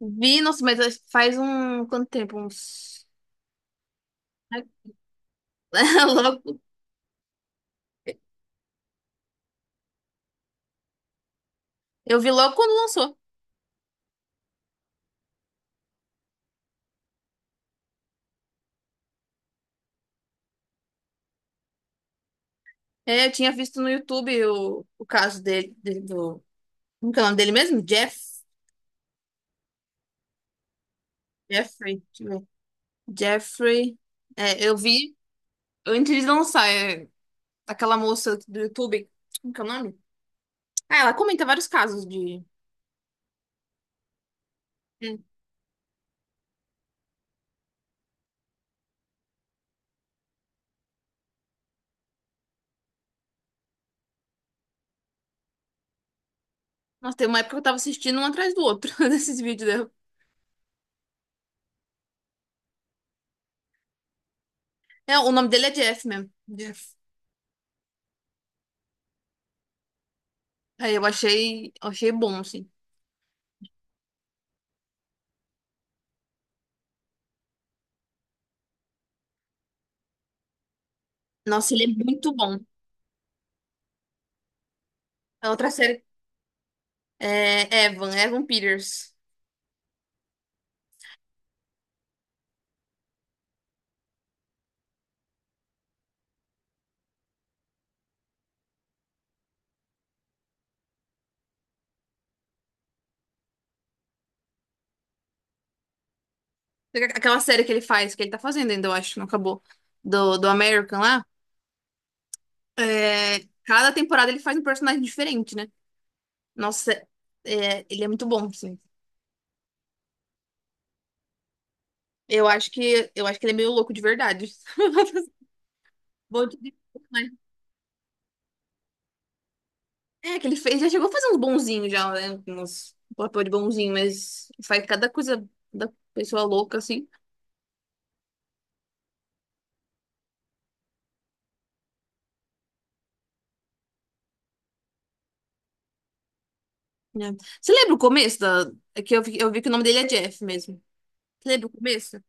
Vi, nossa, mas faz um. Quanto tempo? Uns. Logo. Eu vi logo quando lançou. É, eu tinha visto no YouTube o caso dele, dele- do. Como que é o nome dele mesmo? Jeff. Jeffrey. Deixa eu ver. Jeffrey. É, eu vi antes de lançar. É, aquela moça do YouTube. Como que é o nome? Ah, ela comenta vários casos de. Hum. Nossa, tem uma época que eu tava assistindo um atrás do outro desses vídeos dela. É, o nome dele é Jeff mesmo. Jeff. Aí eu achei bom, assim. Nossa, ele é muito bom. A outra série é Evan Peters. Aquela série que ele faz, que ele tá fazendo ainda, eu acho, não acabou. Do American lá. É, cada temporada ele faz um personagem diferente, né? Nossa, é, ele é muito bom, assim. Eu acho que ele é meio louco de verdade. Bom de- mas- É, que ele fez, já chegou a fazer uns bonzinhos já, né? Uns um papel de bonzinho, mas faz cada coisa da pessoa louca, assim. É. Você lembra o começo da... é que eu vi que o nome dele é Jeff mesmo. Você lembra o começo?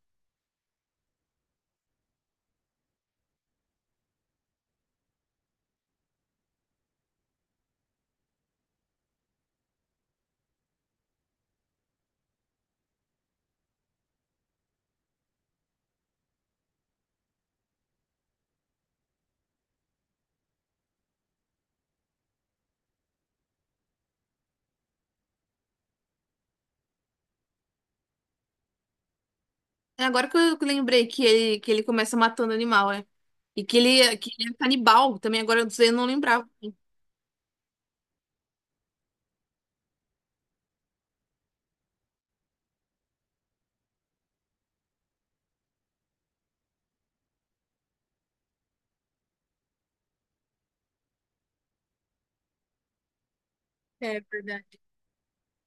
É agora que eu lembrei que ele começa matando animal, é. E que ele é canibal também, agora eu não lembrava. É verdade.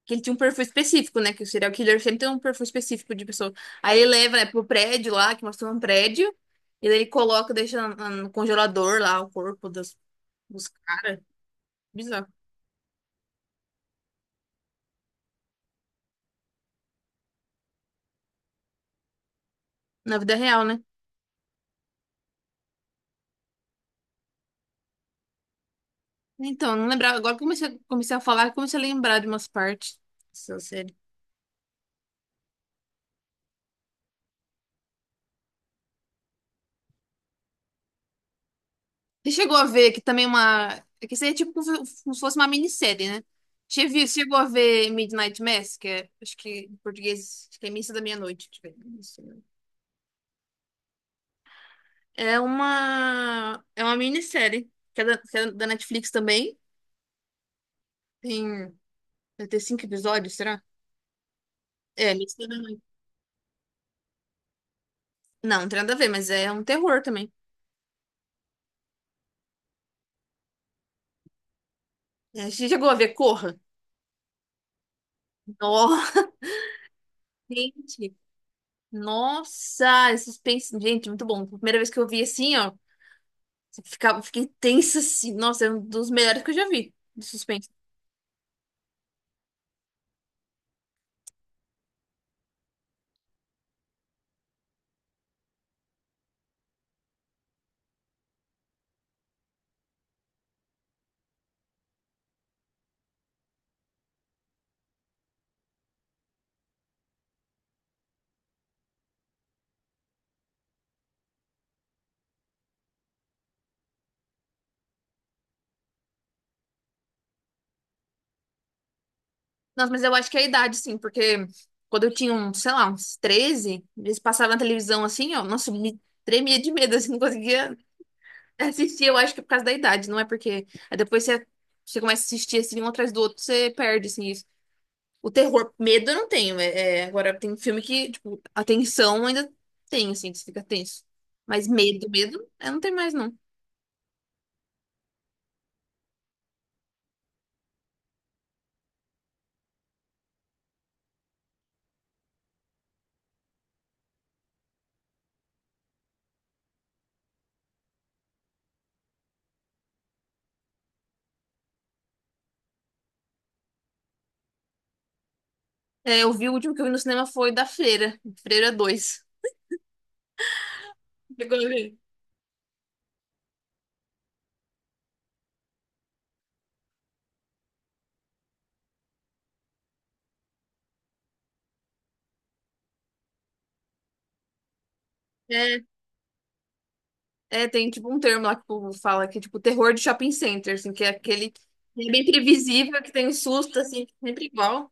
Que ele tinha um perfil específico, né? Que o serial killer sempre tem um perfil específico de pessoa. Aí ele leva, né, pro prédio lá, que mostrou um prédio. E daí ele coloca, deixa no congelador lá o corpo dos caras. Bizarro. Na vida real, né? Então, não lembrava. Agora que eu comecei a falar, eu comecei a lembrar de umas partes dessa série. Você chegou a ver que também uma. É que seria tipo como se fosse uma minissérie, né? Chegou a ver Midnight Mass, que é, acho que em português, acho que é Missa da Meia-Noite. Deixa eu ver. Missa da Meia-Noite. É uma minissérie, que é da Netflix também. Tem. Vai ter cinco episódios, será? É, Missa da Meia-Noite. Não, não tem nada a ver, mas é um terror também. É, você chegou a ver Corra? Nossa, gente. Nossa, esse suspense. Gente, muito bom. Primeira vez que eu vi assim, ó. Fiquei tensa, assim. Nossa, é um dos melhores que eu já vi de suspense. Nossa, mas eu acho que é a idade, sim, porque quando eu tinha, uns, sei lá, uns 13, eles passavam na televisão assim, ó. Nossa, eu me tremia de medo, assim, não conseguia assistir. Eu acho que é por causa da idade, não é porque. Aí depois você começa a assistir assim, um atrás do outro, você perde, assim, isso. O terror, medo eu não tenho. Agora, tem filme que, tipo, a tensão ainda tem, assim, que você fica tenso. Mas medo, medo, eu não tenho mais, não. É, eu vi o último que eu vi no cinema foi da Freira, Freira dois. Chegou a ver? É, tem tipo um termo lá que o povo fala que é tipo terror de shopping center, assim, que é aquele que é bem previsível, que tem um susto, assim, sempre igual.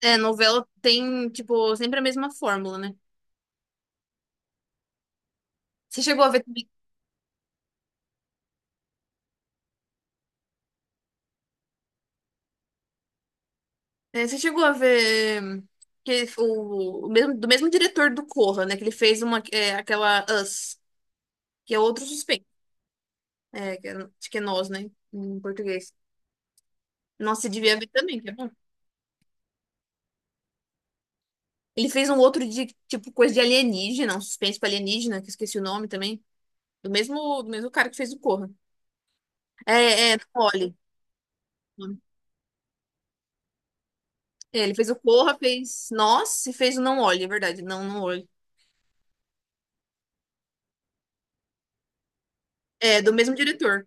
É, novela tem, tipo, sempre a mesma fórmula, né? Você chegou a ver também. É, você chegou a ver que o mesmo, do mesmo diretor do Corra, né? Que ele fez uma, é, aquela Us, que é outro suspense. É, que é, acho que é nós, né? Em português. Nossa, você devia ver também, que é bom. Ele fez um outro de, tipo, coisa de alienígena, um suspense pra alienígena, que eu esqueci o nome também. Do mesmo cara que fez o Corra. Não olhe. É, ele fez o Corra, fez Nós e fez o Não Olhe, é verdade. Não, não olhe. É, do mesmo diretor.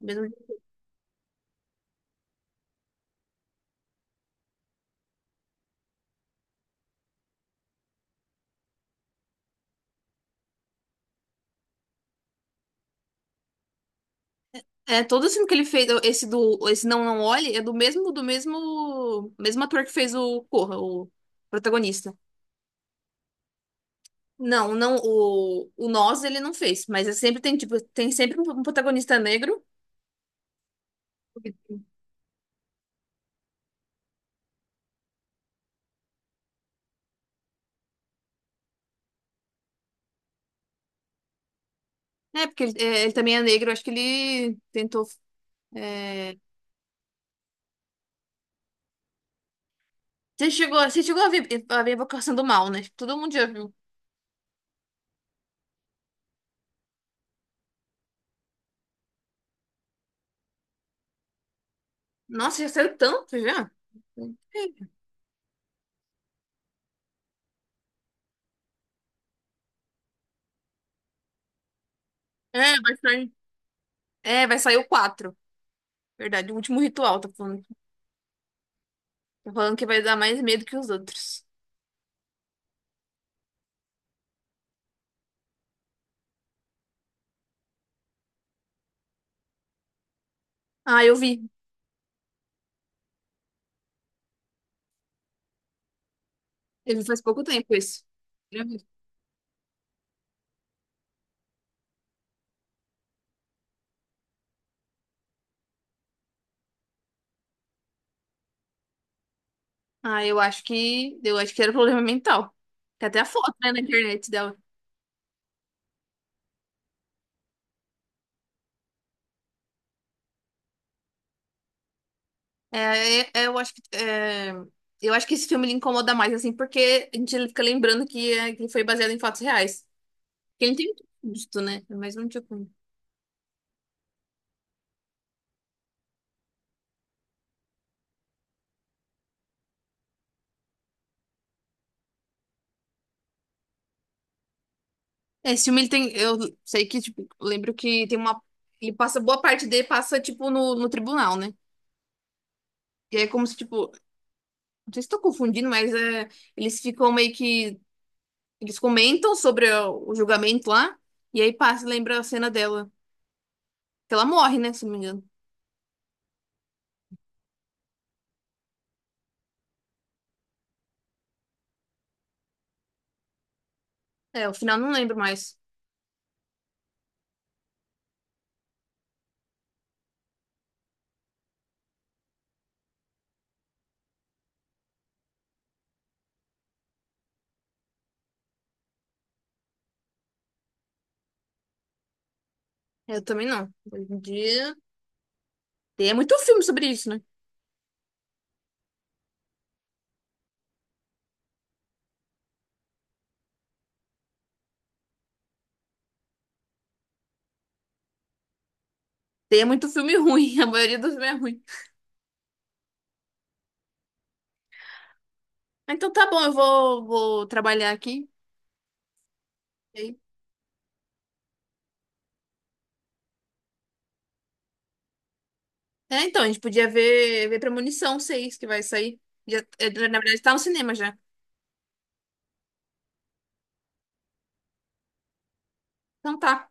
mesmo- É, todo o filme que ele fez, esse do, esse Não, não olhe, é do mesmo ator que fez o Corra, o protagonista. Não, não, o Nós ele não fez, mas é sempre tem, tipo, tem sempre um protagonista negro. É, porque ele, é, ele também é negro, acho que ele tentou. É, você chegou a ver a Invocação do Mal, né? Todo mundo já viu. Nossa, já saiu tanto já. É, vai sair. É, vai sair o 4. Verdade, o último ritual, tá falando. Tá falando que vai dar mais medo que os outros. Ah, eu vi. Eu vi faz pouco tempo isso. Eu vi. Ah, eu acho que. Eu acho que era problema mental. Tem até a foto, né, na internet dela. Eu acho que é, eu acho que esse filme ele incomoda mais assim, porque a gente fica lembrando que, é, que ele foi baseado em fatos reais. Porque ele tem muito custo, né? Mas não tinha como. É, esse filme ele tem, eu sei que tipo, eu lembro que tem uma, ele passa boa parte dele passa tipo no tribunal, né? E é como se tipo, não sei se estou confundindo, mas é, eles ficam meio que eles comentam sobre o julgamento lá e aí passa lembra a cena dela, que ela morre, né? Se não me engano. É, o final eu não lembro mais. Eu também não. Hoje em dia. Tem muito filme sobre isso, né? Tem muito filme ruim, a maioria dos filmes é ruim. Então tá bom, eu vou, vou trabalhar aqui. Ok? É, então, a gente podia ver Premonição 6 que vai sair. Já, é, na verdade, tá no cinema já. Então tá.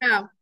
Tchau.